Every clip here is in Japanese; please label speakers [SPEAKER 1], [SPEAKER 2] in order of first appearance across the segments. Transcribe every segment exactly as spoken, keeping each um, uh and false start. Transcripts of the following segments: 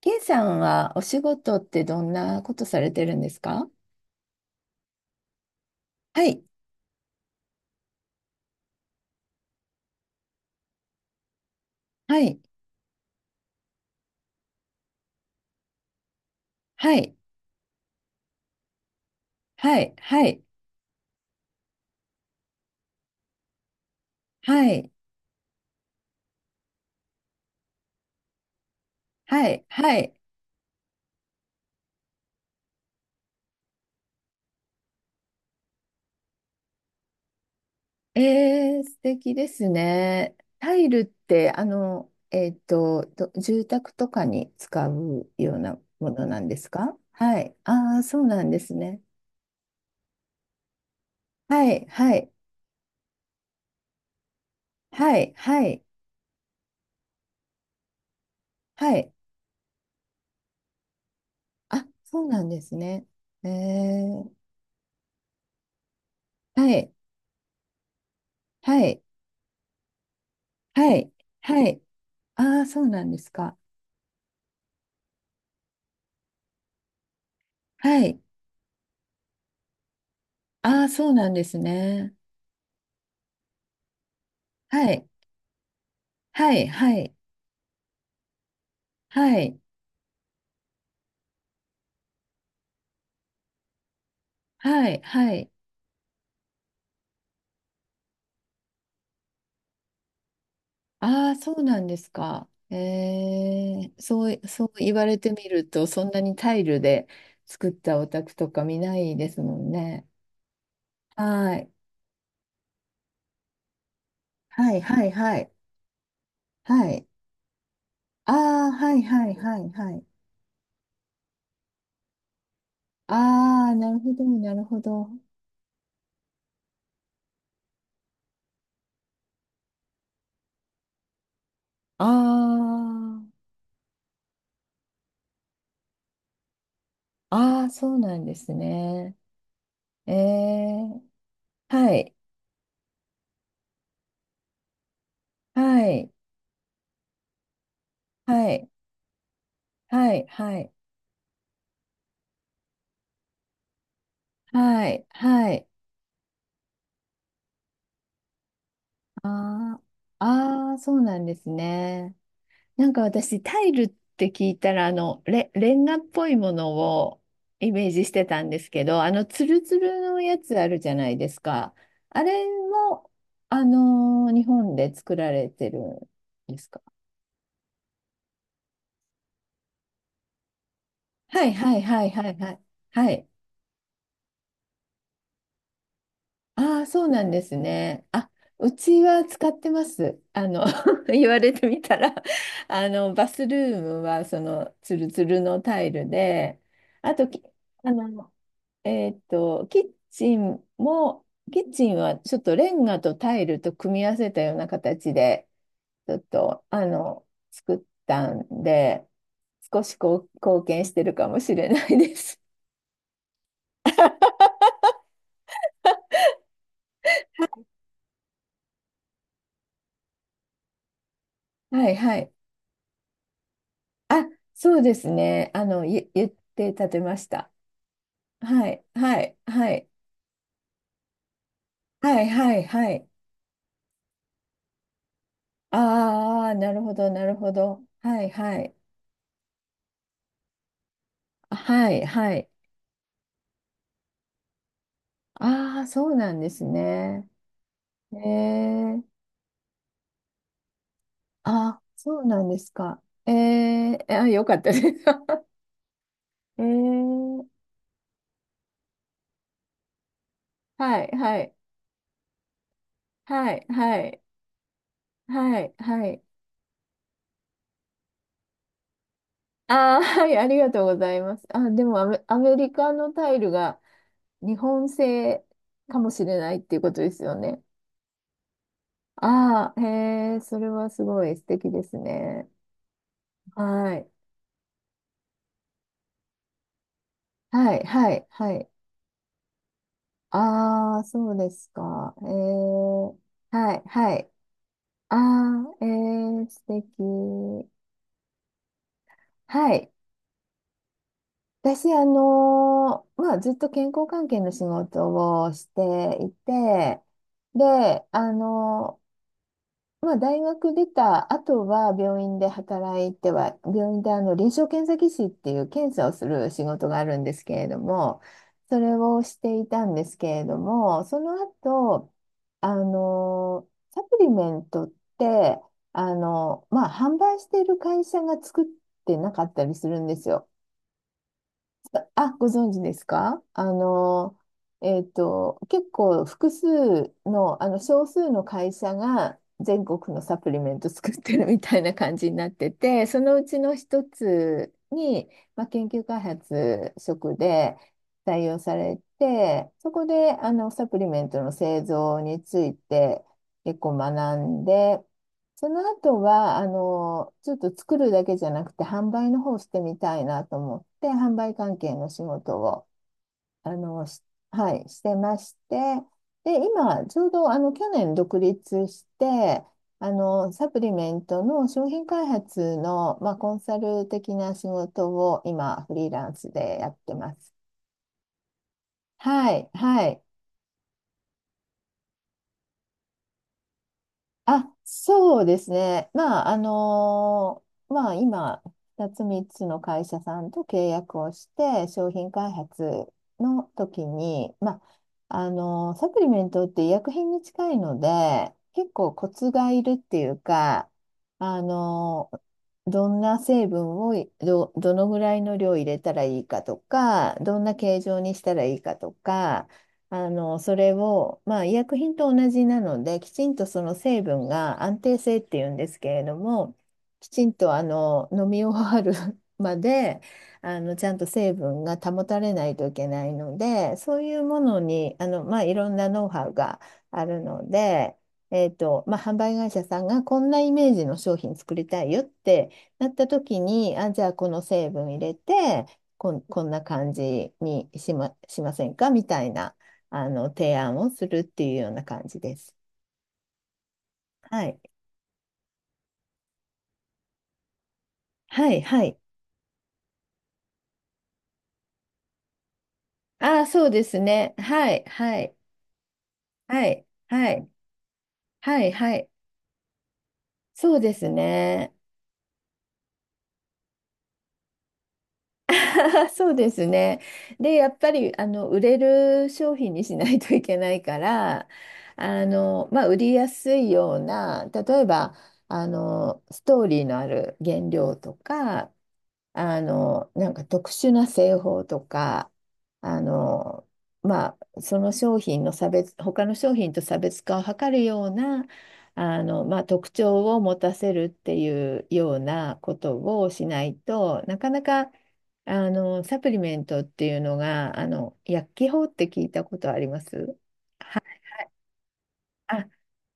[SPEAKER 1] ケイさんはお仕事ってどんなことされてるんですか？はい、はい、はい、はい、はい、はい、はい、はい。えー、素敵ですね。タイルって、あの、えっと、ど住宅とかに使うようなものなんですか？はい。ああ、そうなんですね。はい、はい、はい、はい、はい。あ、そうなんですね。えー、はい、はい、はい、はい。ああ、そうなんですか。はい。ああ、そうなんですね。はい。はい。はい。はい。はい。はい。ああ、そうなんですか。ええ、そう、そう言われてみると、そんなにタイルで作ったお宅とか見ないですもんね。はい。はい。はい。はい。はい。ああ、はい。はい。はい。はい。ああ、なるほど。なるほど。ああ、ああ、そうなんですね。ええ、はい。はい。はい。はい、はい、はい、はい。ああ、ああ、そうなんですね。なんか私、タイルって聞いたら、あの、レ、レンガっぽいものをイメージしてたんですけど、あの、ツルツルのやつあるじゃないですか。あれも、あのー日本で作られてるんですか？はい、はい、はい、はい、はい。はい。ああ、そうなんですね。あ、うちは使ってます。あの、言われてみたら、あの、バスルームは、その、ツルツルのタイルで、あと、きあの、えっと、キッチンも、キッチンはちょっとレンガとタイルと組み合わせたような形で、ちょっと、あの、作ったんで、少しこう貢献してるかもしれないです。はい、はい。あ、そうですね。あの、ゆ言って立てました。はい、はい、はい、はい、はい、はい。ああ、なるほど、なるほど。はい、はい、はい、はい。ああ、そうなんですね。ええ、あ、そうなんですか。ええ、あ、よかったです。ええ、はい、はい、はい、はい、はい、はい。ああ、はい、ありがとうございます。あ、でもアメ、アメリカのタイルが日本製かもしれないっていうことですよね。ああ、へえ、それはすごい素敵ですね。はい。はい、はい、はい。ああ、そうですか。ええ、はい、はい。ああ、ええ、素敵。はい。私、あのーまあ、ずっと健康関係の仕事をしていて、で、あのーまあ、大学出た後は病院で働いては、病院であの臨床検査技師っていう検査をする仕事があるんですけれども、それをしていたんですけれども、その後、あの、サプリメントって、あの、まあ、販売している会社が作ってなかったりするんですよ。あ、ご存知ですか？あの、えっと、結構複数の、あの、少数の会社が全国のサプリメント作ってるみたいな感じになってて、そのうちの一つに、まあ、研究開発職で採用されて、そこで、あの、サプリメントの製造について結構学んで、その後は、あの、ちょっと作るだけじゃなくて、販売の方をしてみたいなと思って、販売関係の仕事を、あの、しはい、してまして、で、今、ちょうど、あの、去年独立して、あの、サプリメントの商品開発の、まあ、コンサル的な仕事を今、フリーランスでやってます。はい、はい。あ、そうですね。まあ、あのまあ、今、ふたつみっつの会社さんと契約をして、商品開発の時に、まあ、あのサプリメントって医薬品に近いので、結構コツがいるっていうか、あのどんな成分をいど、どのぐらいの量入れたらいいかとか、どんな形状にしたらいいかとか、あの、それを、まあ、医薬品と同じなので、きちんとその成分が安定性っていうんですけれども、きちんとあの飲み終わる まであのちゃんと成分が保たれないといけないので、そういうものにあの、まあ、いろんなノウハウがあるので、えーと、まあ、販売会社さんがこんなイメージの商品作りたいよってなった時に、あ、じゃあこの成分入れて、こん、こんな感じにしま、しませんかみたいな。あの、提案をするっていうような感じです。はい。はい、はい。ああ、そうですね。はい、はい、はい、はい、はい、はい。そうですね。そうですね。で、やっぱりあの売れる商品にしないといけないから、あの、まあ、売りやすいような、例えばあのストーリーのある原料とか、あの、なんか特殊な製法とか、あの、まあ、その商品の差別、他の商品と差別化を図るような、あの、まあ、特徴を持たせるっていうようなことをしないとなかなかあの、サプリメントっていうのが、あの、薬機法って聞いたことあります？あ、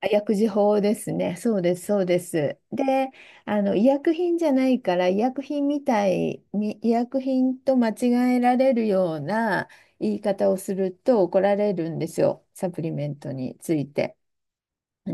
[SPEAKER 1] 薬事法ですね。そうです、そうです。で、あの、医薬品じゃないから、医薬品みたいに、医薬品と間違えられるような言い方をすると怒られるんですよ、サプリメントについて。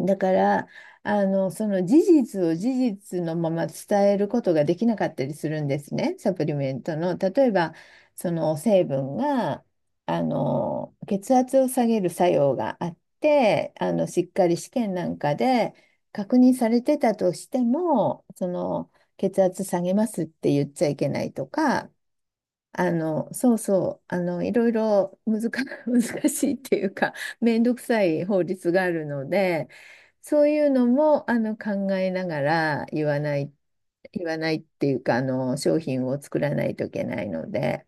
[SPEAKER 1] だから、あの、その事実を事実のまま伝えることができなかったりするんですね、サプリメントの。例えば、その成分が、あの、血圧を下げる作用があって、あの、しっかり試験なんかで確認されてたとしても、その、血圧下げますって言っちゃいけないとか、あの、そうそう、あの、いろいろ 難か、難しいっていうか、めんどくさい法律があるので、そういうのも、あの、考えながら言わない、言わないっていうか、あの、商品を作らないといけないので、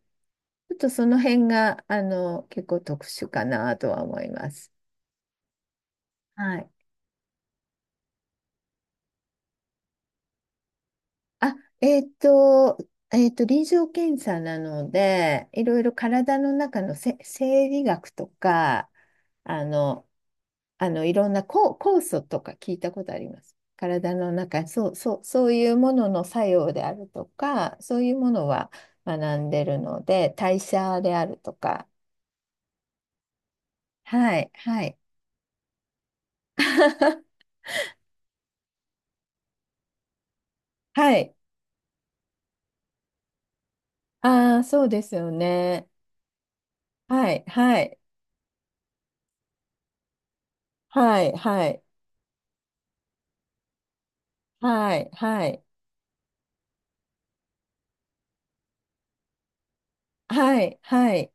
[SPEAKER 1] ちょっとその辺が、あの、結構特殊かなとは思います。はい。あ、えっと、えっと、臨床検査なので、いろいろ体の中のせ生理学とか、あの、あの、いろんな酵酵素とか聞いたことあります。体の中、そう、そう、そういうものの作用であるとか、そういうものは学んでるので、代謝であるとか、はい、はい。はい。ああ、そうですよね。はい、はい、はい、はい、はい、はい。はい、はい。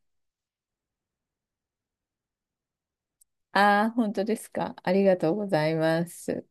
[SPEAKER 1] ああ、本当ですか？ありがとうございます。